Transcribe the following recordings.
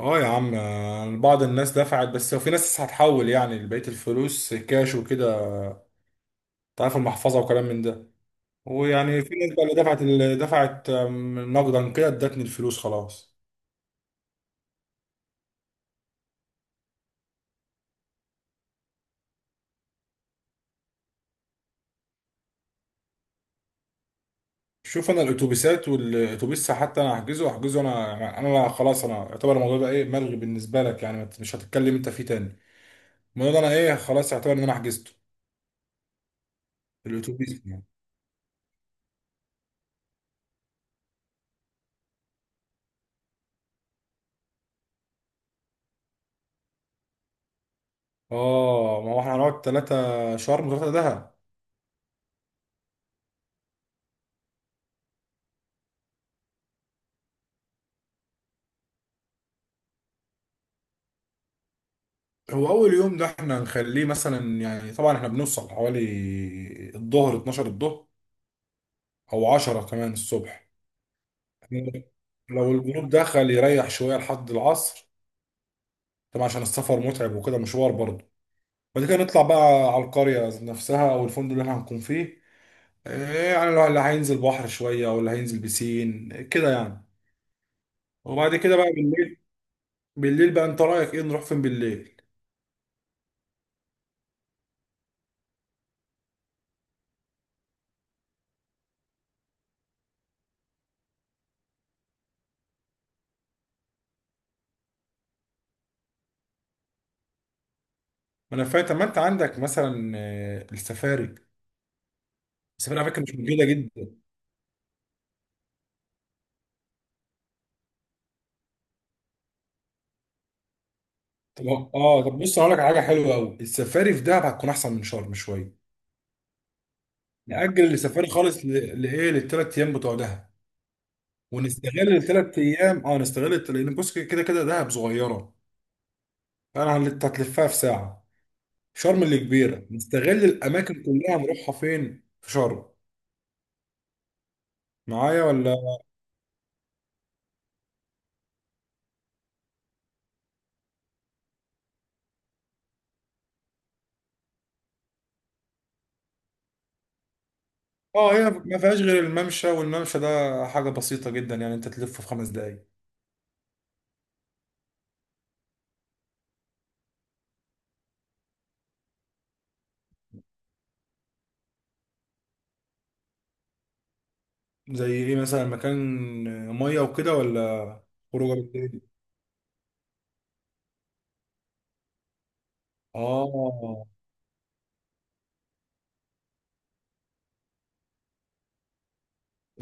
اه يا عم، بعض الناس دفعت، بس وفي ناس هتحول يعني بقية الفلوس كاش وكده. تعرف المحفظة وكلام من ده. ويعني في ناس بقى اللي دفعت نقدا كده ادتني الفلوس خلاص. شوف انا الاتوبيسات والاتوبيس حتى انا هحجزه، انا يعني، انا لا خلاص انا اعتبر الموضوع ده ايه، ملغي بالنسبة لك. يعني ما ت- مش هتتكلم انت فيه تاني. الموضوع ده انا ايه، خلاص اعتبر ان انا حجزته. الاتوبيس يعني. اه ما هو احنا هنقعد ثلاثة شرم وثلاثة دهب. هو اول يوم ده احنا هنخليه مثلا يعني، طبعا احنا بنوصل حوالي الظهر، 12 الظهر او 10 كمان الصبح. لو الجروب دخل يريح شويه لحد العصر طبعا، عشان السفر متعب وكده، مشوار برضه. بعد كده نطلع بقى على القريه نفسها او الفندق اللي احنا هنكون فيه. إيه يعني، لو اللي هينزل بحر شويه او اللي هينزل بسين كده يعني. وبعد كده بقى بالليل، بالليل بقى انت رايك ايه، نروح فين بالليل؟ ما انا فاهم. طب ما انت عندك مثلا السفاري. السفاري على فكره مش موجوده جدا. طب، اه طب بص هقول لك على حاجه حلوه قوي، السفاري في دهب هتكون احسن من شرم شويه. نأجل السفاري خالص لايه، للثلاث ايام بتوع دهب. ونستغل الثلاث ايام، اه نستغل لان بص كده كده دهب صغيره، هتلفها في ساعه. شرم اللي كبيره، نستغل الاماكن كلها، نروحها فين في شرم. معايا ولا؟ اه هي ما فيهاش غير الممشى، والممشى ده حاجه بسيطه جدا يعني، انت تلفه في خمس دقايق. زي ايه مثلا؟ مكان ميه وكده ولا خروجه بالليل؟ اه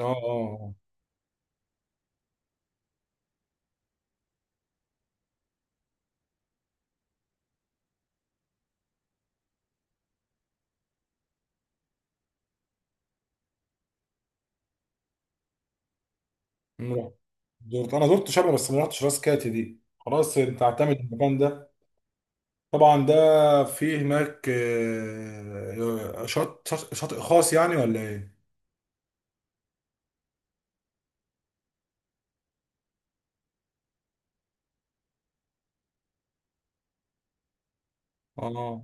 اه اه نروح. زرت، انا زرت شبرا بس ما رحتش راس كاتي دي. خلاص انت اعتمد المكان ده. طبعا ده فيه هناك شط شاطئ خاص يعني، ولا ايه؟ اه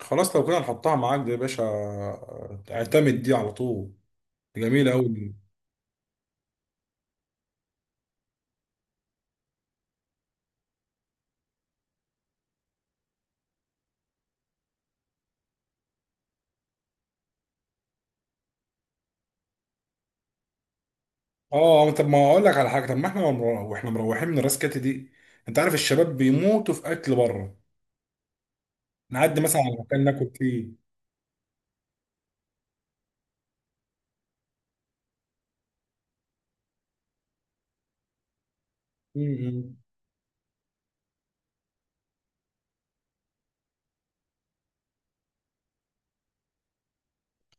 خلاص لو كده نحطها معاك دي يا باشا، اعتمد دي على طول. دي جميله قوي. اه طب ما اقول لك على حاجه، طب ما احنا واحنا مروحين من راس كاتي دي، انت عارف الشباب بيموتوا في اكل بره. نعدي مثلا على مكان ناكل فيه. م- م.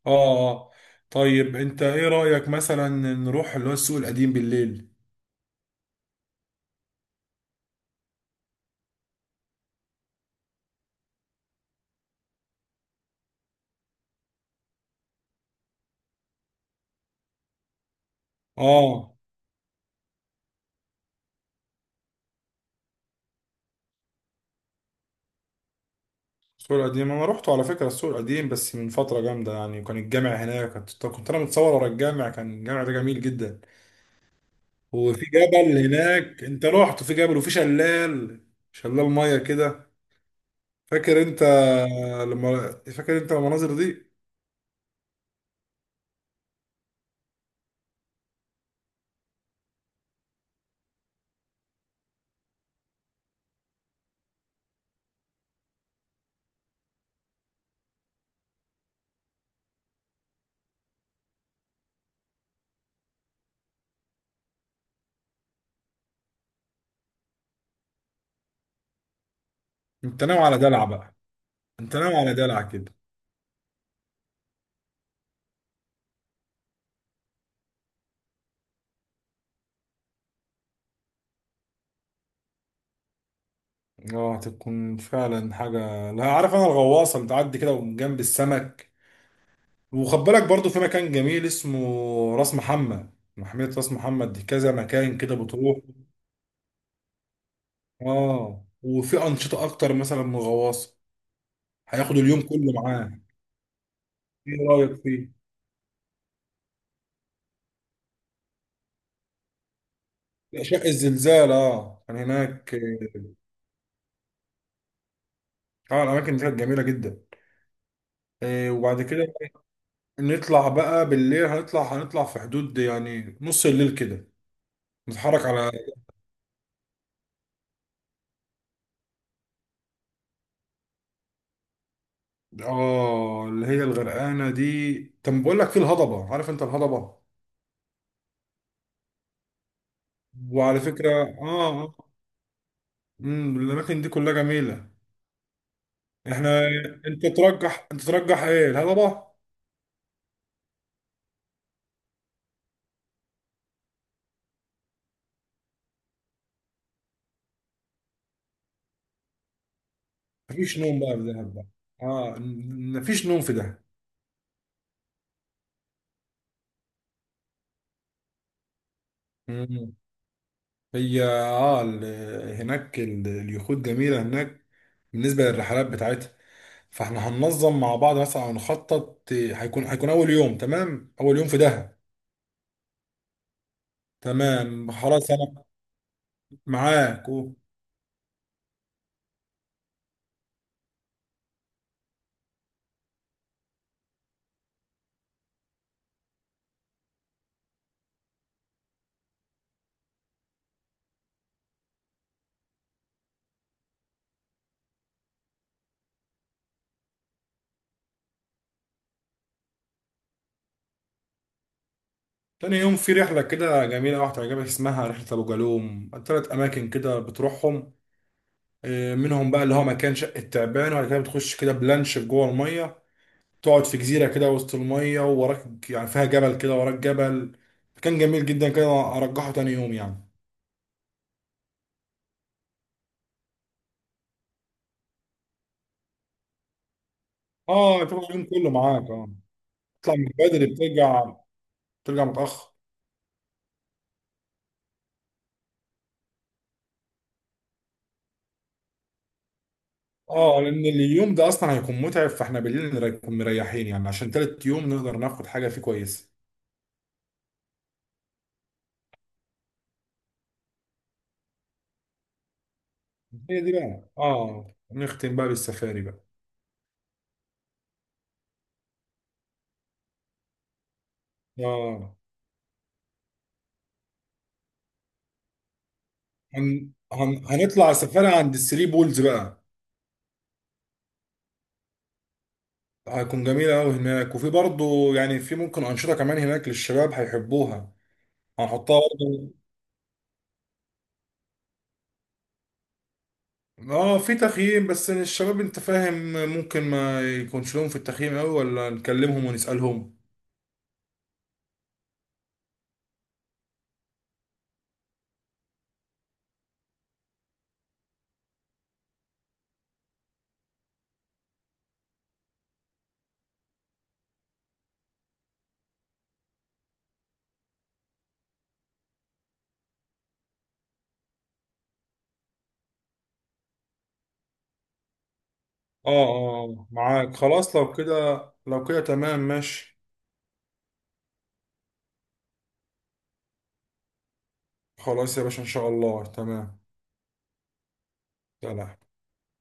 اه اه. طيب انت ايه رأيك مثلا نروح اللي هو السوق القديم بالليل؟ اه السوق القديم انا روحته على فكرة، السوق القديم بس من فترة جامدة يعني، وكان الجامع هناك، كنت انا متصور ورا الجامع. كان الجامع ده جميل جدا. وفي جبل هناك، انت رحت؟ في جبل وفي شلال، شلال مية كده، فاكر انت؟ لما، فاكر انت المناظر دي؟ انت ناوي على دلع بقى؟ انت ناوي على دلع كده. اه هتكون فعلا حاجة. لا عارف انا الغواصة بتعدي كده من جنب السمك. وخد بالك برضه في مكان جميل اسمه راس محمد. محمية راس محمد دي كذا مكان كده بتروح. اه وفي أنشطة أكتر مثلا من غواصة. هياخدوا اليوم كله معاه. ايه رأيك فيه؟ أشعة الزلزال اه كان هناك. اه الأماكن دي كانت جميلة جدا. آه وبعد كده نطلع بقى بالليل. هنطلع في حدود يعني نص الليل كده، نتحرك على. اه اللي هي الغرقانة دي. طب بقول لك في الهضبة، عارف انت الهضبة؟ وعلى فكرة، اه الاماكن دي كلها جميله. احنا انت ترجح، انت ترجح ايه، الهضبه؟ مفيش نوم بقى في دهب بقى. اه مفيش نوم في دهب. مم. هي اه هناك اليخوت جميله هناك، بالنسبه للرحلات بتاعتها. فاحنا هننظم مع بعض مثلا او نخطط، هيكون اول يوم تمام. اول يوم في دهب تمام. خلاص انا معاك و... تاني يوم في رحله كده جميله واحده هتعجبك، اسمها رحله ابو جالوم، ثلاث اماكن كده بتروحهم. منهم بقى اللي هو مكان شقة تعبان. وبعد كده بتخش كده بلانش جوه المية، تقعد في جزيرة كده وسط المية، ووراك يعني فيها جبل كده، وراك جبل. كان جميل جدا كده. أرجحه تاني يوم يعني. اه تبقى اليوم كله معاك، اه. تطلع من بدري، بترجع متأخر. اه لأن اليوم ده أصلا هيكون متعب، فاحنا بالليل نكون مريحين يعني، عشان تالت يوم نقدر ناخد حاجة فيه كويسة. هي دي بقى، اه نختم بقى بالسفاري بقى. اه هنطلع سفاري عند الثري بولز بقى. هيكون جميلة أوي هناك، وفي برضه يعني في ممكن أنشطة كمان هناك للشباب هيحبوها. هنحطها برضه. اه في تخييم، بس الشباب انت فاهم، ممكن ما يكونش لهم في التخييم أوي، ولا نكلمهم ونسألهم؟ اه اه معاك خلاص. لو كده، لو كده تمام ماشي. خلاص يا باشا إن شاء الله، تمام. سلام.